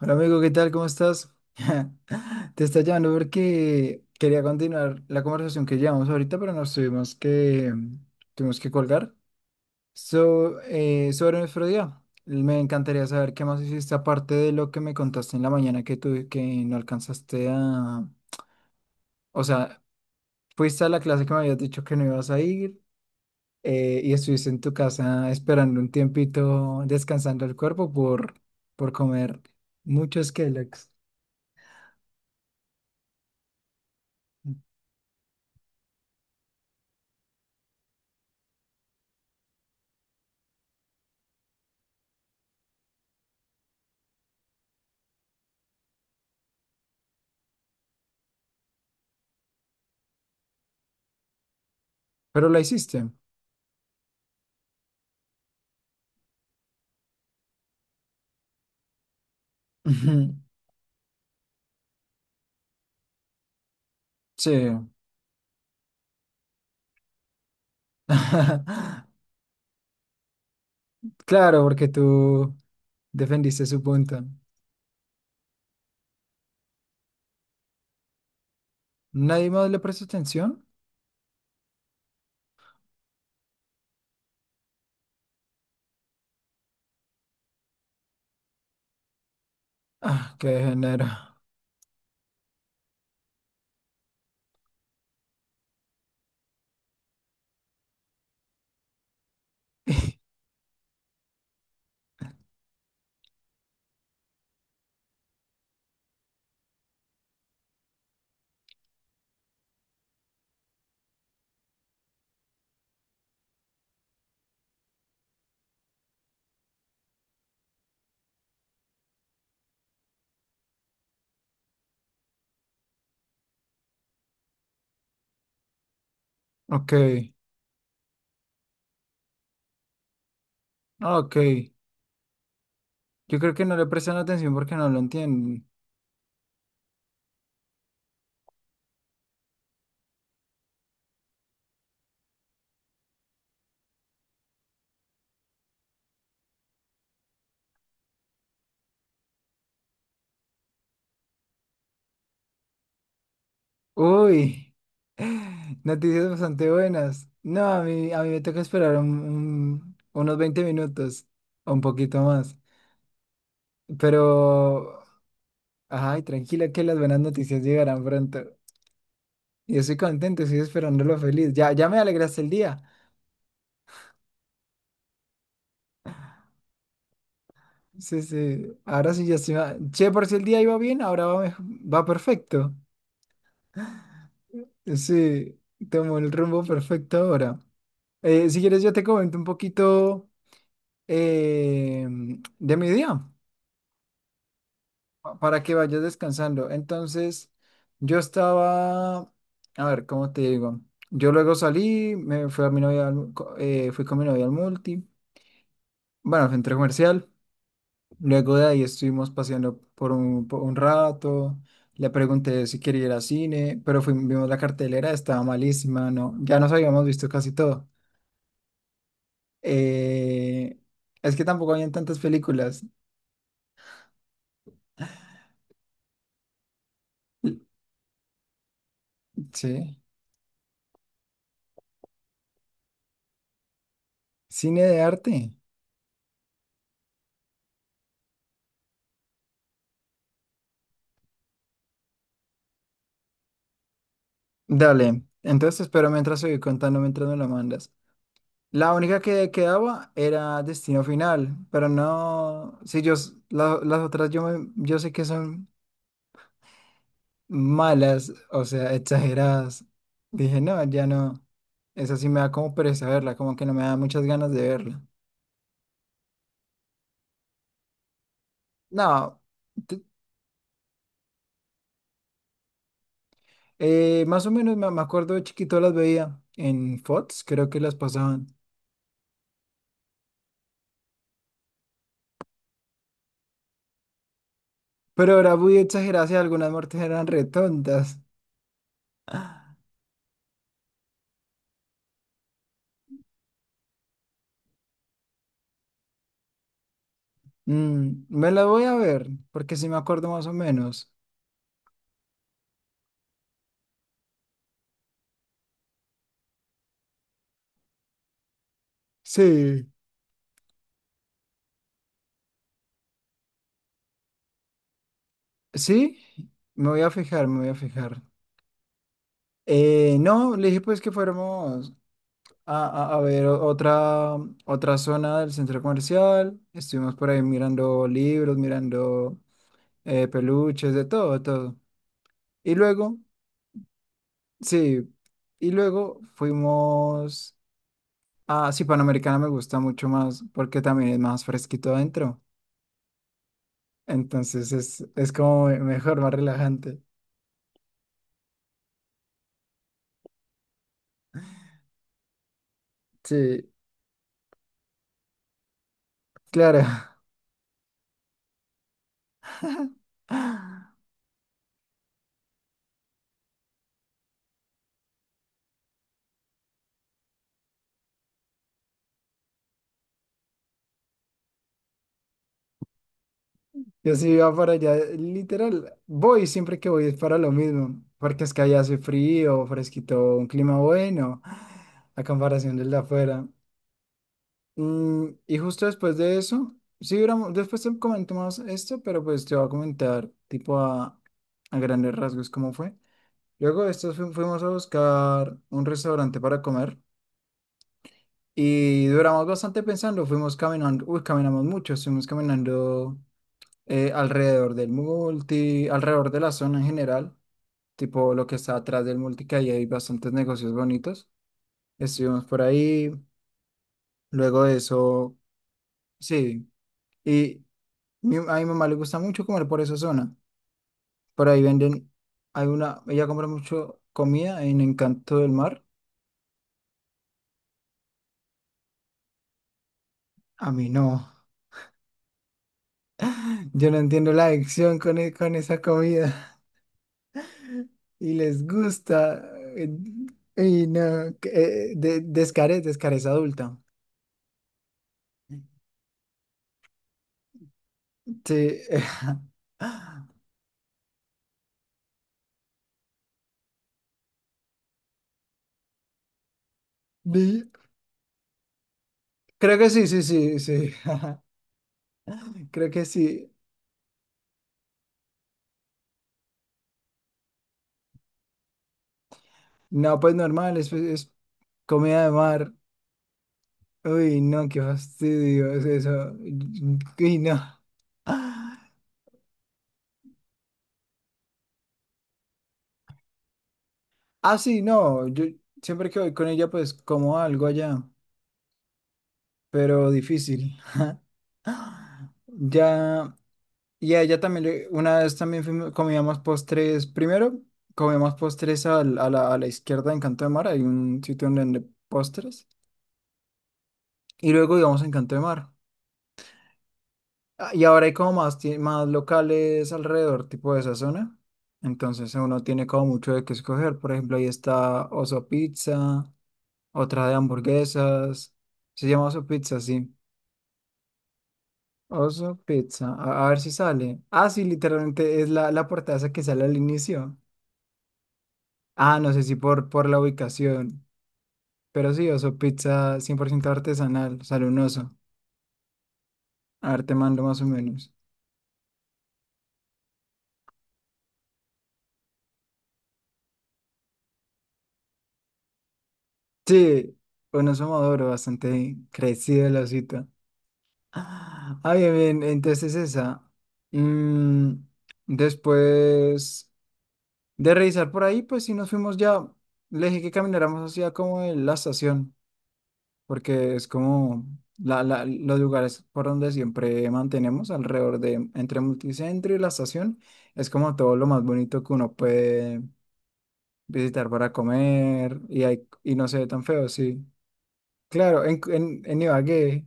Hola amigo, ¿qué tal? ¿Cómo estás? Te está llamando porque quería continuar la conversación que llevamos ahorita, pero tuvimos que colgar. So, sobre nuestro día, me encantaría saber qué más hiciste aparte de lo que me contaste en la mañana que no alcanzaste a. O sea, fuiste a la clase que me habías dicho que no ibas a ir, y estuviste en tu casa esperando un tiempito, descansando el cuerpo por comer muchos Kellogg's. Pero la hiciste. Ujú. Sí. Claro, porque tú defendiste su punto. ¿Nadie más le prestó atención? Ah, qué género. Ok, ok. Yo creo que no le prestan atención porque no lo entienden. Uy. Noticias bastante buenas. No, a mí me toca esperar unos 20 minutos o un poquito más. Pero, ay, tranquila que las buenas noticias llegarán pronto. Yo estoy contento, estoy esperándolo feliz. Ya, ya me alegraste el día. Sí, sí. Ahora sí ya se va. Che, por si el día iba bien, va perfecto. Sí, tomo el rumbo perfecto ahora. Si quieres, yo te comento un poquito, eh, de mi día para que vayas descansando. Entonces, yo estaba, a ver, ¿cómo te digo? Yo luego salí, me fui a mi novia, fui con mi novia al multi, bueno, al centro comercial. Luego de ahí estuvimos paseando por un rato, le pregunté si quería ir al cine, pero fuimos, vimos la cartelera, estaba malísima, no, ya nos habíamos visto casi todo. Eh, es que tampoco habían tantas películas. L- Sí, cine de arte. Dale, entonces te espero mientras voy contando, mientras me la mandas. La única que quedaba era Destino Final, pero no, si yo, las otras, yo sé que son malas, o sea, exageradas. Dije, no, ya no. Esa sí me da como pereza verla, como que no me da muchas ganas de verla. No, t- más o menos me acuerdo de chiquito las veía en Fox, creo que las pasaban. Pero ahora voy a exagerar si algunas muertes eran retontas. Me las voy a ver, porque sí me acuerdo más o menos. Sí. ¿Sí? Me voy a fijar, me voy a fijar. No, le dije pues que fuéramos, A, a ver, otra zona del centro comercial. Estuvimos por ahí mirando libros, mirando, peluches, de todo, de todo. Y luego, sí, y luego fuimos a, sí, Panamericana me gusta mucho más porque también es más fresquito adentro. Entonces es como, mejor, más relajante. Sí, claro. Yo sí iba para allá, literal, voy siempre que voy es para lo mismo, porque es que allá hace frío, fresquito, un clima bueno, a comparación del de afuera. Y justo después de eso, sí, después te comento más esto, pero pues te voy a comentar tipo a grandes rasgos cómo fue. Luego de esto fuimos a buscar un restaurante para comer y duramos bastante pensando, fuimos caminando, uy, caminamos mucho, estuvimos caminando, alrededor del multi, alrededor de la zona en general, tipo lo que está atrás del multi, que ahí hay bastantes negocios bonitos. Estuvimos por ahí, luego de eso, sí, y a mi mamá le gusta mucho comer por esa zona. Por ahí venden, hay una, ella compra mucho comida en Encanto del Mar. A mí no. Yo no entiendo la adicción con esa comida y les gusta. eh, Y no, que, de, descarez adulta. Sí. Vi- Creo que sí, sí, sí, sí. Creo que sí. No, pues normal, es comida de mar. Uy, no, qué fastidio es eso. Uy, no. Ah, sí, no. Yo siempre que voy con ella, pues como algo allá, pero difícil. Ya, y a ella también, una vez también comíamos postres. Primero, comíamos postres a la izquierda en Canto de Mar. Hay un sitio donde venden postres. Y luego íbamos a Encanto de Mar. Ah, y ahora hay como más locales alrededor, tipo de esa zona. Entonces uno tiene como mucho de qué escoger. Por ejemplo, ahí está Oso Pizza, otra de hamburguesas. Se llama Oso Pizza, sí. Oso Pizza. A ver si sale. Ah, sí, literalmente es la portada esa que sale al inicio. Ah, no sé si por la ubicación. Pero sí, Oso Pizza 100% artesanal. Sale un oso. A ver, te mando más o menos. Sí, bueno, somos maduro, bastante crecido el osito. Ah, bien, bien, entonces esa. Mm, Después de revisar por ahí, pues sí nos fuimos ya. Le dije que camináramos hacia como la estación, porque es como los lugares por donde siempre mantenemos alrededor de, entre Multicentro y la estación, es como todo lo más bonito que uno puede visitar para comer y, hay, y no se ve tan feo, sí. Claro, en Ibagué,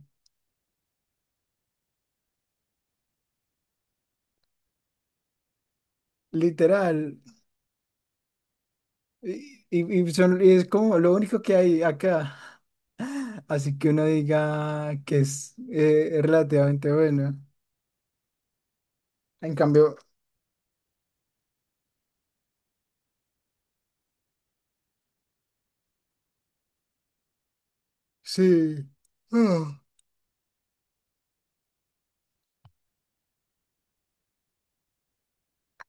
literal. Y, y es como lo único que hay acá. Así que uno diga que es, relativamente bueno. En cambio, sí. Ah.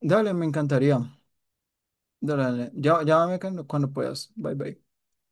Dale, me encantaría. Dale, dale. Ya, llámame cuando puedas. Bye, bye.